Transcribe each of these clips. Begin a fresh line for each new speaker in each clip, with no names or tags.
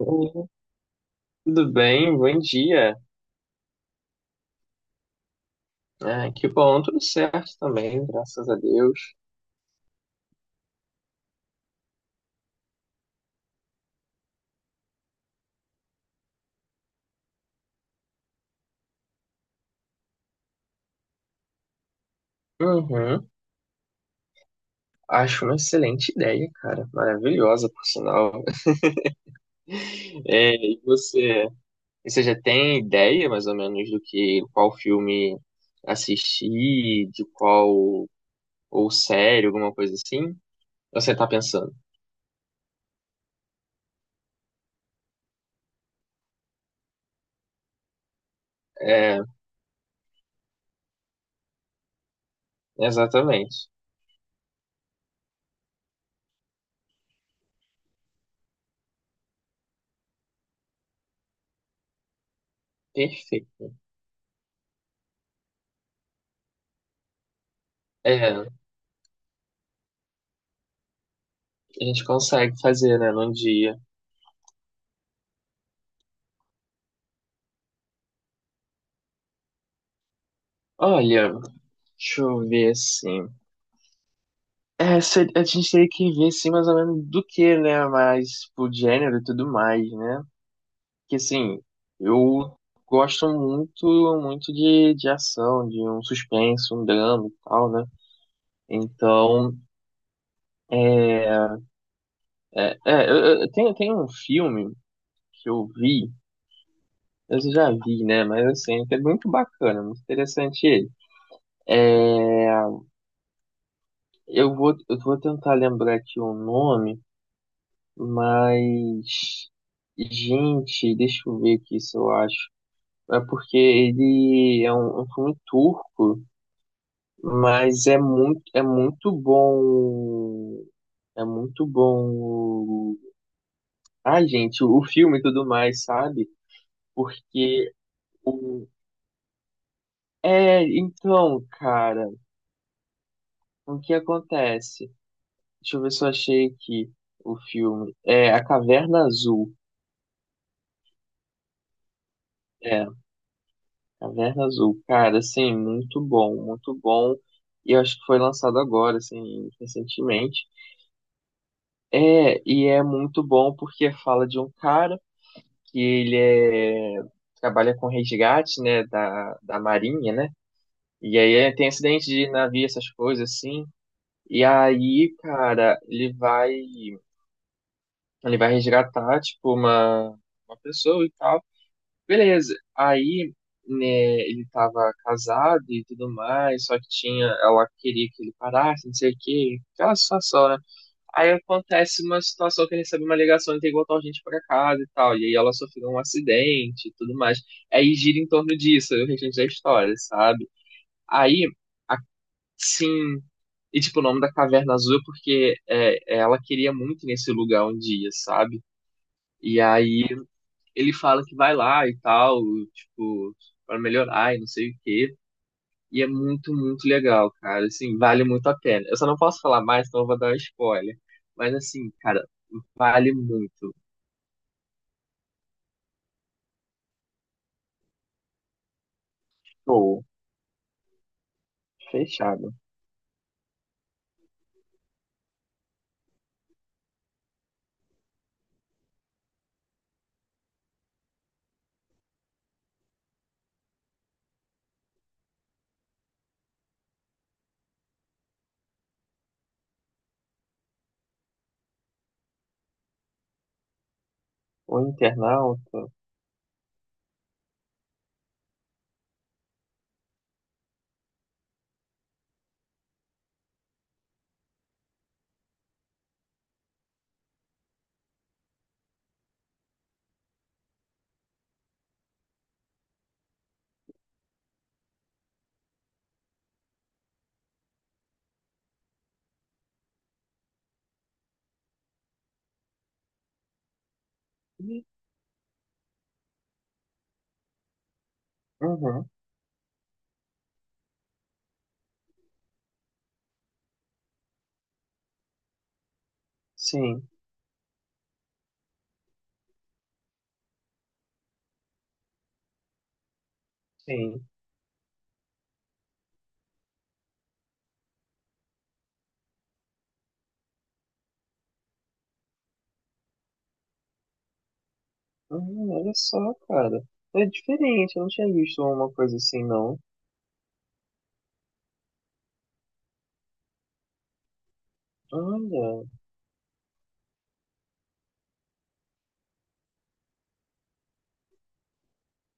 Oi, tudo bem? Bom dia. Ah, que bom, tudo certo também, graças a Deus. Uhum. Acho uma excelente ideia, cara. Maravilhosa, por sinal. É, e você já tem ideia, mais ou menos, do que qual filme assistir, de qual ou série, alguma coisa assim? Você tá pensando? É, exatamente. Perfeito. É, a gente consegue fazer, né, num dia. Olha, deixa eu ver assim. É, a gente teria que ver, assim, mais ou menos do que, né? Mas, pro gênero e tudo mais, né? Porque assim, eu gosto muito, muito de ação, de um suspense, um drama e tal, né? Então, é, tem um filme que eu já vi, né? Mas, assim, é muito bacana, muito interessante ele. Eu vou tentar lembrar aqui o nome, mas... Gente, deixa eu ver aqui se eu acho. É porque ele é um filme turco, mas é muito bom. É muito bom. Ai, gente, o filme e tudo mais, sabe? Porque o. É, então, cara, o que acontece? Deixa eu ver se eu achei aqui o filme. É A Caverna Azul. É, Caverna Azul. Cara, assim, muito bom, muito bom. E eu acho que foi lançado agora, assim, recentemente. É, e é muito bom porque fala de um cara que ele é, trabalha com resgate, né, da marinha, né? E aí tem acidente de navio, essas coisas assim. E aí, cara, ele vai resgatar, tipo, uma pessoa e tal. Beleza. Aí, né, ele tava casado e tudo mais, só que tinha, ela queria que ele parasse, não sei o quê. Aquela situação, né? Aí acontece uma situação que recebe uma ligação e tem que voltar urgente pra casa e tal. E aí ela sofreu um acidente e tudo mais. Aí gira em torno disso, aí o restante da história, sabe? Aí, sim. E tipo, o nome da Caverna Azul é porque ela queria muito ir nesse lugar um dia, sabe? E aí ele fala que vai lá e tal, tipo, pra melhorar e não sei o quê. E é muito, muito legal, cara. Assim, vale muito a pena. Eu só não posso falar mais, então eu vou dar um spoiler. Mas assim, cara, vale muito. Show. Fechado. O internauta. Uhum. Sim, sim. Uhum, olha só, cara. É diferente, eu não tinha visto uma coisa assim, não. Olha.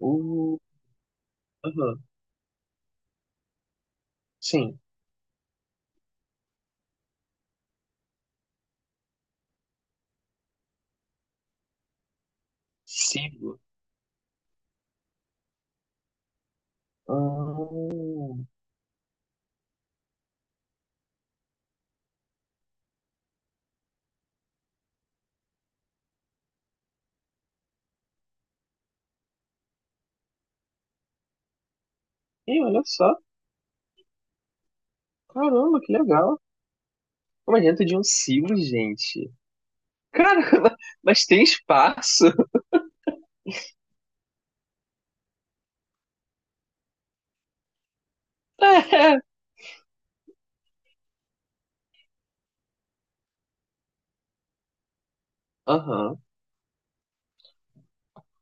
O. Aham. Sim. Sibo. Hum. E olha só. Caramba, que legal. Como é dentro de um sibo, gente. Caramba, mas tem espaço? É. Aham.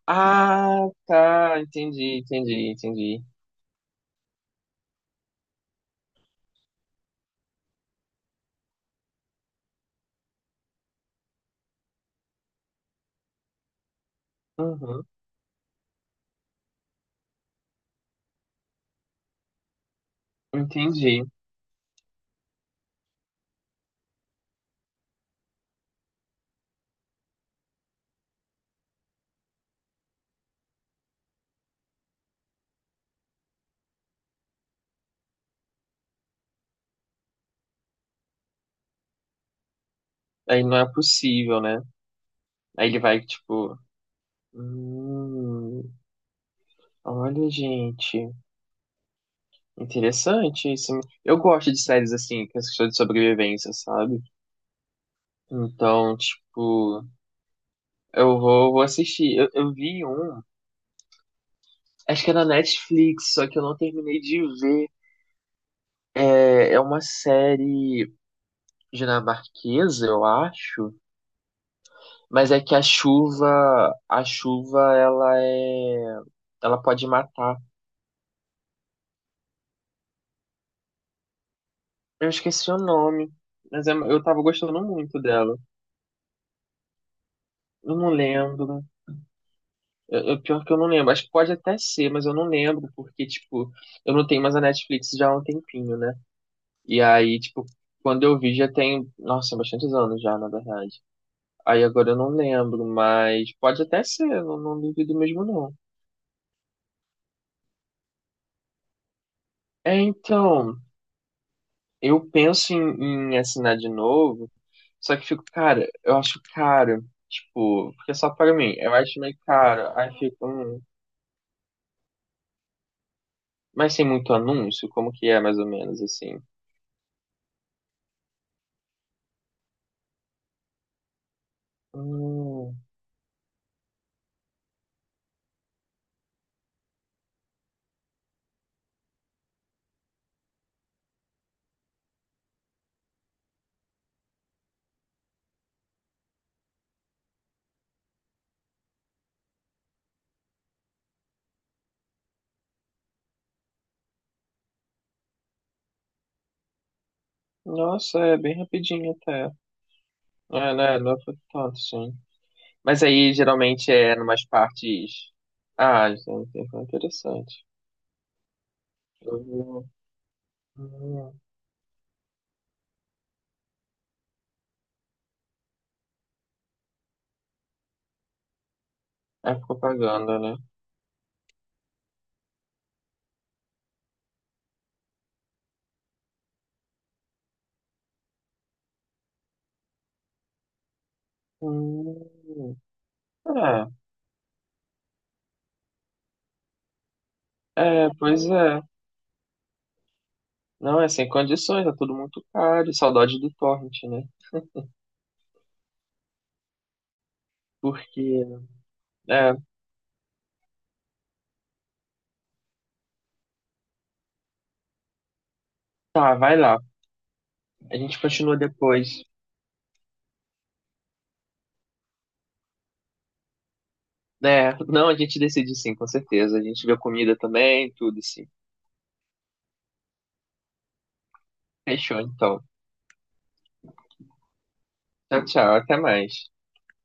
Ah, tá. Entendi, entendi, entendi. Uhum. Entendi. Aí não é possível, né? Aí ele vai, tipo. Hum, olha, gente. Interessante isso. Eu gosto de séries assim, que são de sobrevivência, sabe? Então, tipo, eu vou assistir. Eu vi um, acho que é na Netflix, só que eu não terminei de ver. É uma série dinamarquesa, eu acho, mas é que a chuva ela é, ela pode matar. Eu esqueci o nome, mas eu tava gostando muito dela. Eu não lembro. Pior que eu não lembro. Acho que pode até ser, mas eu não lembro, porque, tipo, eu não tenho mais a Netflix já há um tempinho, né? E aí, tipo, quando eu vi já tem, nossa, bastantes anos já, na verdade. Aí agora eu não lembro, mas pode até ser, eu não duvido mesmo não. É, então, eu penso em assinar de novo, só que fico, cara, eu acho caro, tipo, porque é só para mim, eu acho meio caro, aí fico, mas tem muito anúncio, como que é mais ou menos assim? Hum, Nossa, é bem rapidinho até. É, né? Não foi tanto, sim. Mas aí geralmente é numas partes. Ah, gente, foi interessante. Eu vou- Hum. É propaganda, né? Hum, Pois é. Não, é sem condições, é tudo muito caro. Saudade do Torrent, né? Porque, é, tá, vai lá. A gente continua depois. É, não, a gente decide sim, com certeza. A gente vê a comida também, tudo sim. Fechou, então. Tchau, tchau, até mais.